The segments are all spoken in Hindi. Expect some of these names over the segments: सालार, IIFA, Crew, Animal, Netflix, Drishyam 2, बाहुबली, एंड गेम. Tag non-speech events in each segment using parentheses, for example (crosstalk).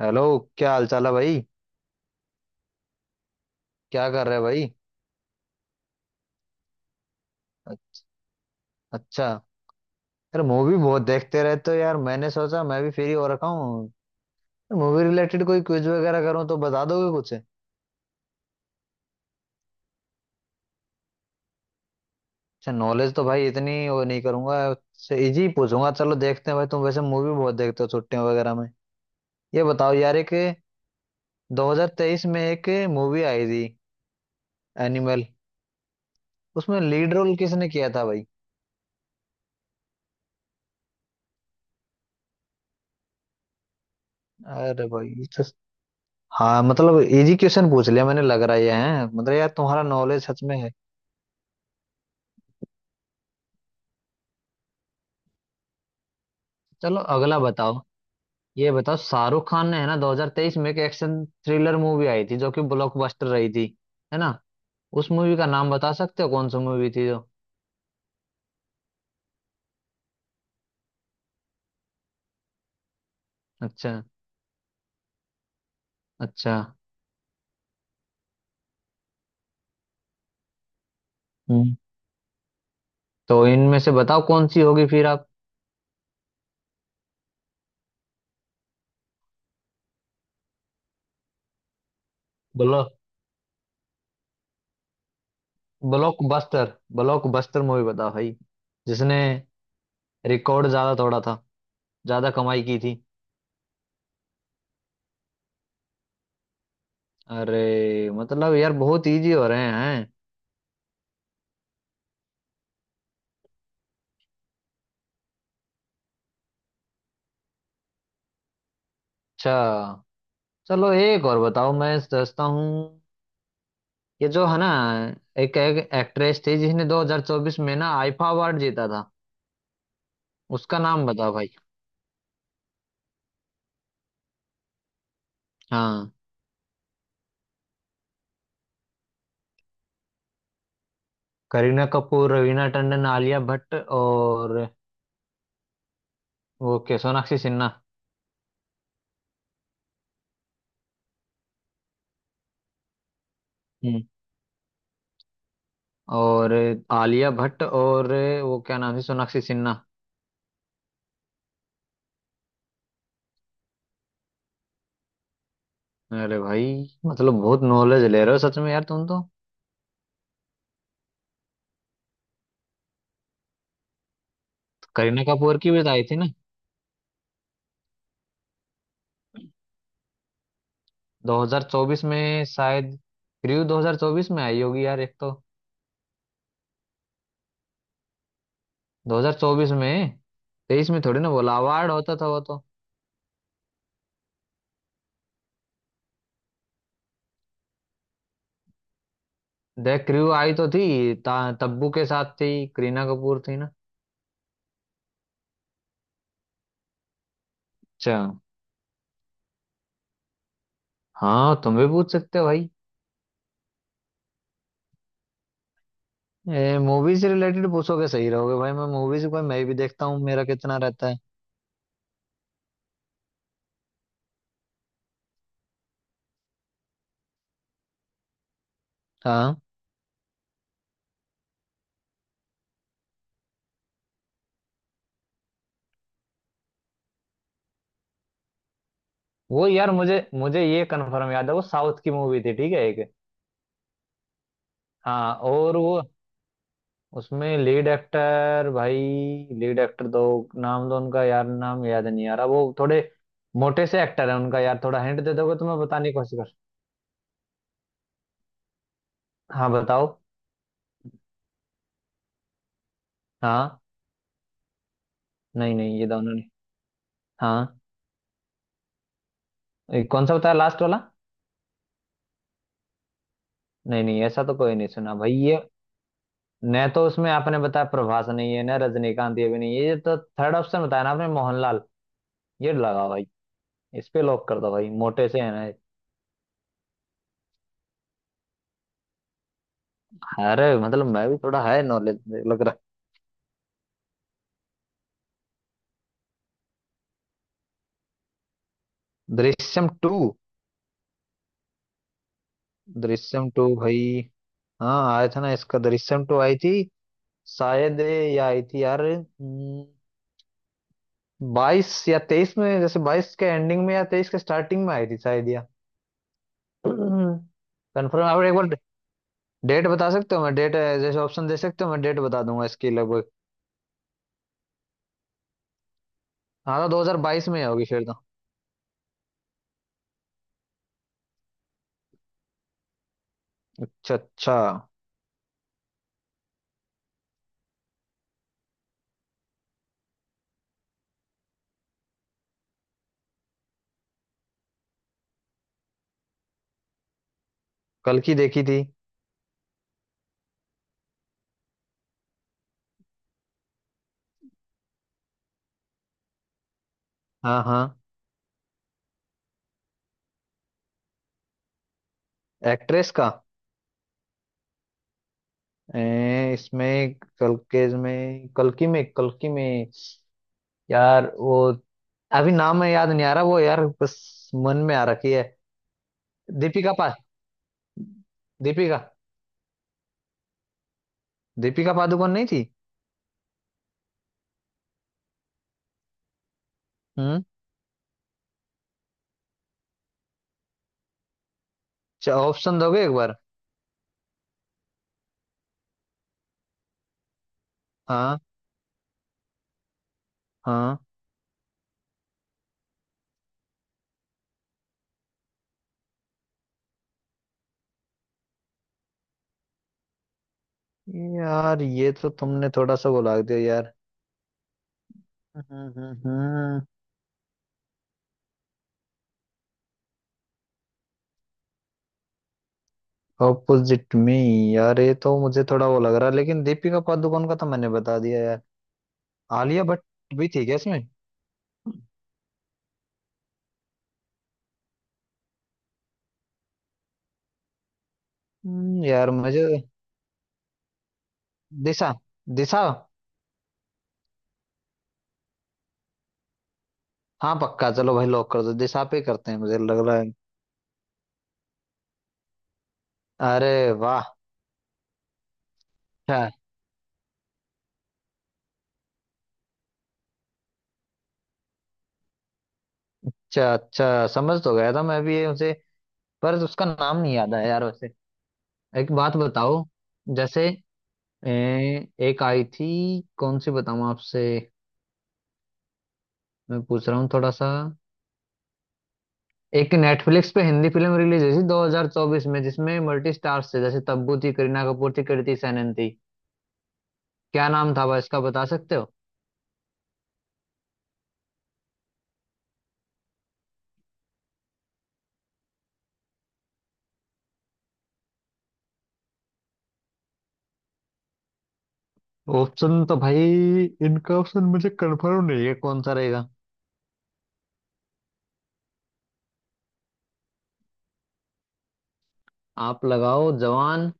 हेलो। क्या हाल चाल है भाई? क्या कर रहे भाई? अ- अच्छा। यार मूवी बहुत देखते रहते हो यार, मैंने सोचा मैं भी फ्री हो रखा हूँ, मूवी रिलेटेड कोई क्विज वगैरह करूँ तो बता दोगे कुछ? अच्छा, नॉलेज तो भाई इतनी वो नहीं करूंगा, से इजी पूछूंगा। चलो देखते हैं भाई, तुम वैसे मूवी बहुत देखते हो छुट्टियों वगैरह में। ये बताओ यार, एक 2023 में एक मूवी आई थी, एनिमल, उसमें लीड रोल किसने किया था भाई? अरे भाई ये तो। हाँ, मतलब इजी क्वेश्चन पूछ लिया मैंने, लग रहा है ये हैं, मतलब यार तुम्हारा नॉलेज सच में है। चलो अगला बताओ। ये बताओ, शाहरुख खान ने है ना 2023 में एक एक्शन थ्रिलर मूवी आई थी जो कि ब्लॉकबस्टर रही थी, है ना? उस मूवी का नाम बता सकते हो, कौन सी मूवी थी जो? अच्छा। अच्छा। हम्म तो इनमें से बताओ कौन सी होगी फिर आप? ब्लॉक ब्लॉकबस्टर ब्लॉकबस्टर मूवी बताओ भाई, जिसने रिकॉर्ड ज्यादा तोड़ा था, ज्यादा कमाई की थी? अरे मतलब यार बहुत इजी हो रहे हैं। अच्छा चलो एक और बताओ, मैं सोचता हूँ। ये जो है ना, एक एक्ट्रेस थी जिसने 2024 में ना आईफा अवार्ड जीता था, उसका नाम बता भाई। हाँ, करीना कपूर, रवीना टंडन, आलिया भट्ट और वो क्या, सोनाक्षी सिन्हा। हम्म, और आलिया भट्ट और वो क्या नाम है, सोनाक्षी सिन्हा। अरे भाई, मतलब बहुत नॉलेज ले रहे हो सच में यार तुम तो। करीना कपूर की भी तो आई थी ना, 2024 में शायद, क्रू 2024 में आई होगी यार एक तो, 2024 में। 23 में थोड़ी ना बोला, अवार्ड होता था वो तो। देख, क्रू आई तो थी, तब्बू के साथ थी, करीना कपूर थी ना। अच्छा। हाँ, तुम भी पूछ सकते हो भाई। मूवी से रिलेटेड पूछोगे सही रहोगे भाई, मैं मूवी से कोई मैं भी देखता हूँ, मेरा कितना रहता है। हाँ। वो यार मुझे मुझे ये कंफर्म याद है, वो साउथ की मूवी थी ठीक है एक। हाँ, और वो, उसमें लीड एक्टर भाई, लीड एक्टर दो नाम दो उनका, यार नाम याद नहीं आ रहा, वो थोड़े मोटे से एक्टर है उनका यार, थोड़ा हिंट दे दोगे तो मैं बताने की कोशिश कर। हाँ बताओ। हाँ। नहीं नहीं, ये दोनों नहीं। हाँ। ये कौन सा बताया लास्ट वाला? नहीं नहीं, ऐसा तो कोई नहीं सुना भाई ये। न तो उसमें आपने बताया प्रभास नहीं है, न रजनीकांत, ये भी नहीं है, ये तो थर्ड ऑप्शन बताया ना आपने, मोहनलाल, ये लगाओ भाई। इस पे लॉक कर दो भाई, मोटे से है ना। अरे मतलब मैं भी थोड़ा है नॉलेज, लग रहा है। दृश्यम टू? दृश्यम टू भाई, हाँ आया था ना इसका, दृश्यम टू आई थी शायद ये आई थी यार। 22 या 23 में, जैसे 22 के एंडिंग में या 23 के स्टार्टिंग में आई थी शायद, या कंफर्म (clears throat) आप एक बार डेट बता सकते हो? मैं डेट, जैसे ऑप्शन दे सकते हो मैं डेट बता दूंगा इसकी लगभग। हाँ तो 2022 में होगी फिर तो। अच्छा अच्छा। कल की देखी थी। हाँ हाँ। एक्ट्रेस का? इसमें कल के में कल की में कल की में, यार वो अभी नाम में याद नहीं आ रहा वो, यार बस मन में आ रखी है। दीपिका पा दीपिका दीपिका पादुकोण नहीं थी? हम्म। अच्छा ऑप्शन दोगे एक बार? हाँ हाँ। यार ये तो तुमने थोड़ा सा वो दिया यार। हम्म हम्म, हम्म, ऑपोजिट में? यार ये तो मुझे थोड़ा वो लग रहा है, लेकिन दीपिका पादुकोण का तो मैंने बता दिया यार। आलिया भट्ट भी थी क्या इसमें? यार मुझे, दिशा, दिशा। हाँ पक्का, चलो भाई लॉक कर दो दिशा पे करते हैं, मुझे लग रहा है। अरे वाह। अच्छा अच्छा अच्छा, समझ तो गया था मैं भी ये उसे, पर उसका नाम नहीं याद आया यार वैसे। एक बात बताओ, जैसे एक आई थी, कौन सी बताऊं आपसे मैं पूछ रहा हूँ थोड़ा सा। एक नेटफ्लिक्स पे हिंदी फिल्म रिलीज हुई थी 2024 में, जिसमें मल्टी स्टार्स थे, जैसे तब्बू थी, करीना कपूर थी, कृति सेनन थी। क्या नाम था भाई इसका बता सकते हो? ऑप्शन तो भाई, इनका ऑप्शन मुझे कंफर्म नहीं है, कौन सा रहेगा? आप लगाओ जवान,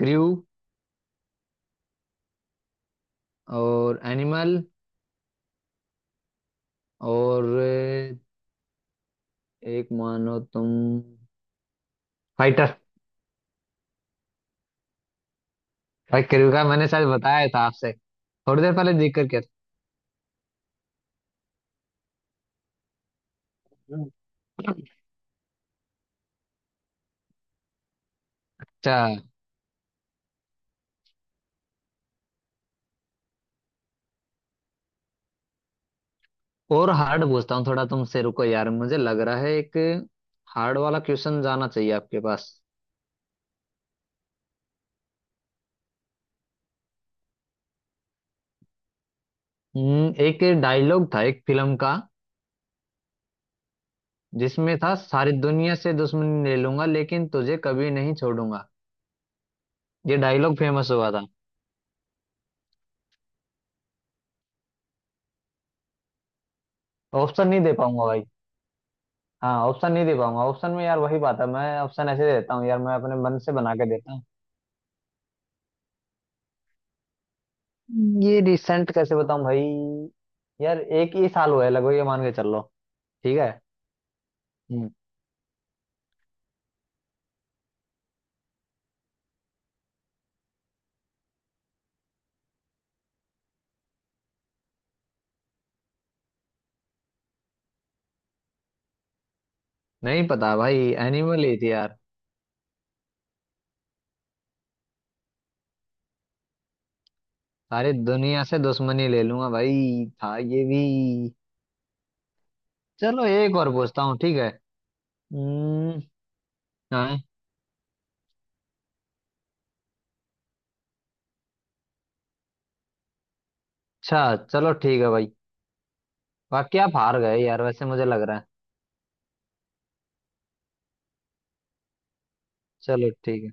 क्रू, और एनिमल, और एक मानो तुम, फाइटर। भाई, क्रू का मैंने शायद बताया था आपसे थोड़ी देर पहले देख करके। अच्छा। और हार्ड पूछता हूँ थोड़ा तुमसे, रुको यार मुझे लग रहा है एक हार्ड वाला क्वेश्चन जाना चाहिए आपके पास। एक डायलॉग था एक फिल्म का, जिसमें था सारी दुनिया से दुश्मनी ले लूंगा लेकिन तुझे कभी नहीं छोड़ूंगा। ये डायलॉग फेमस हुआ था। ऑप्शन नहीं दे पाऊंगा भाई। हाँ, ऑप्शन नहीं दे पाऊंगा, ऑप्शन में यार वही बात है, मैं ऑप्शन ऐसे देता हूँ यार, मैं अपने मन से बना के देता हूँ। ये रिसेंट कैसे बताऊं भाई, यार एक ही साल हुआ है लगभग ये मान के चल लो। ठीक है। हम्म, नहीं पता भाई एनिमल ही थी यार। अरे दुनिया से दुश्मनी ले लूंगा भाई था ये भी। चलो एक और पूछता हूँ ठीक है। हम्म, हाँ, अच्छा चलो ठीक है भाई। बाकी आप हार गए यार वैसे मुझे लग रहा है। चलो ठीक है।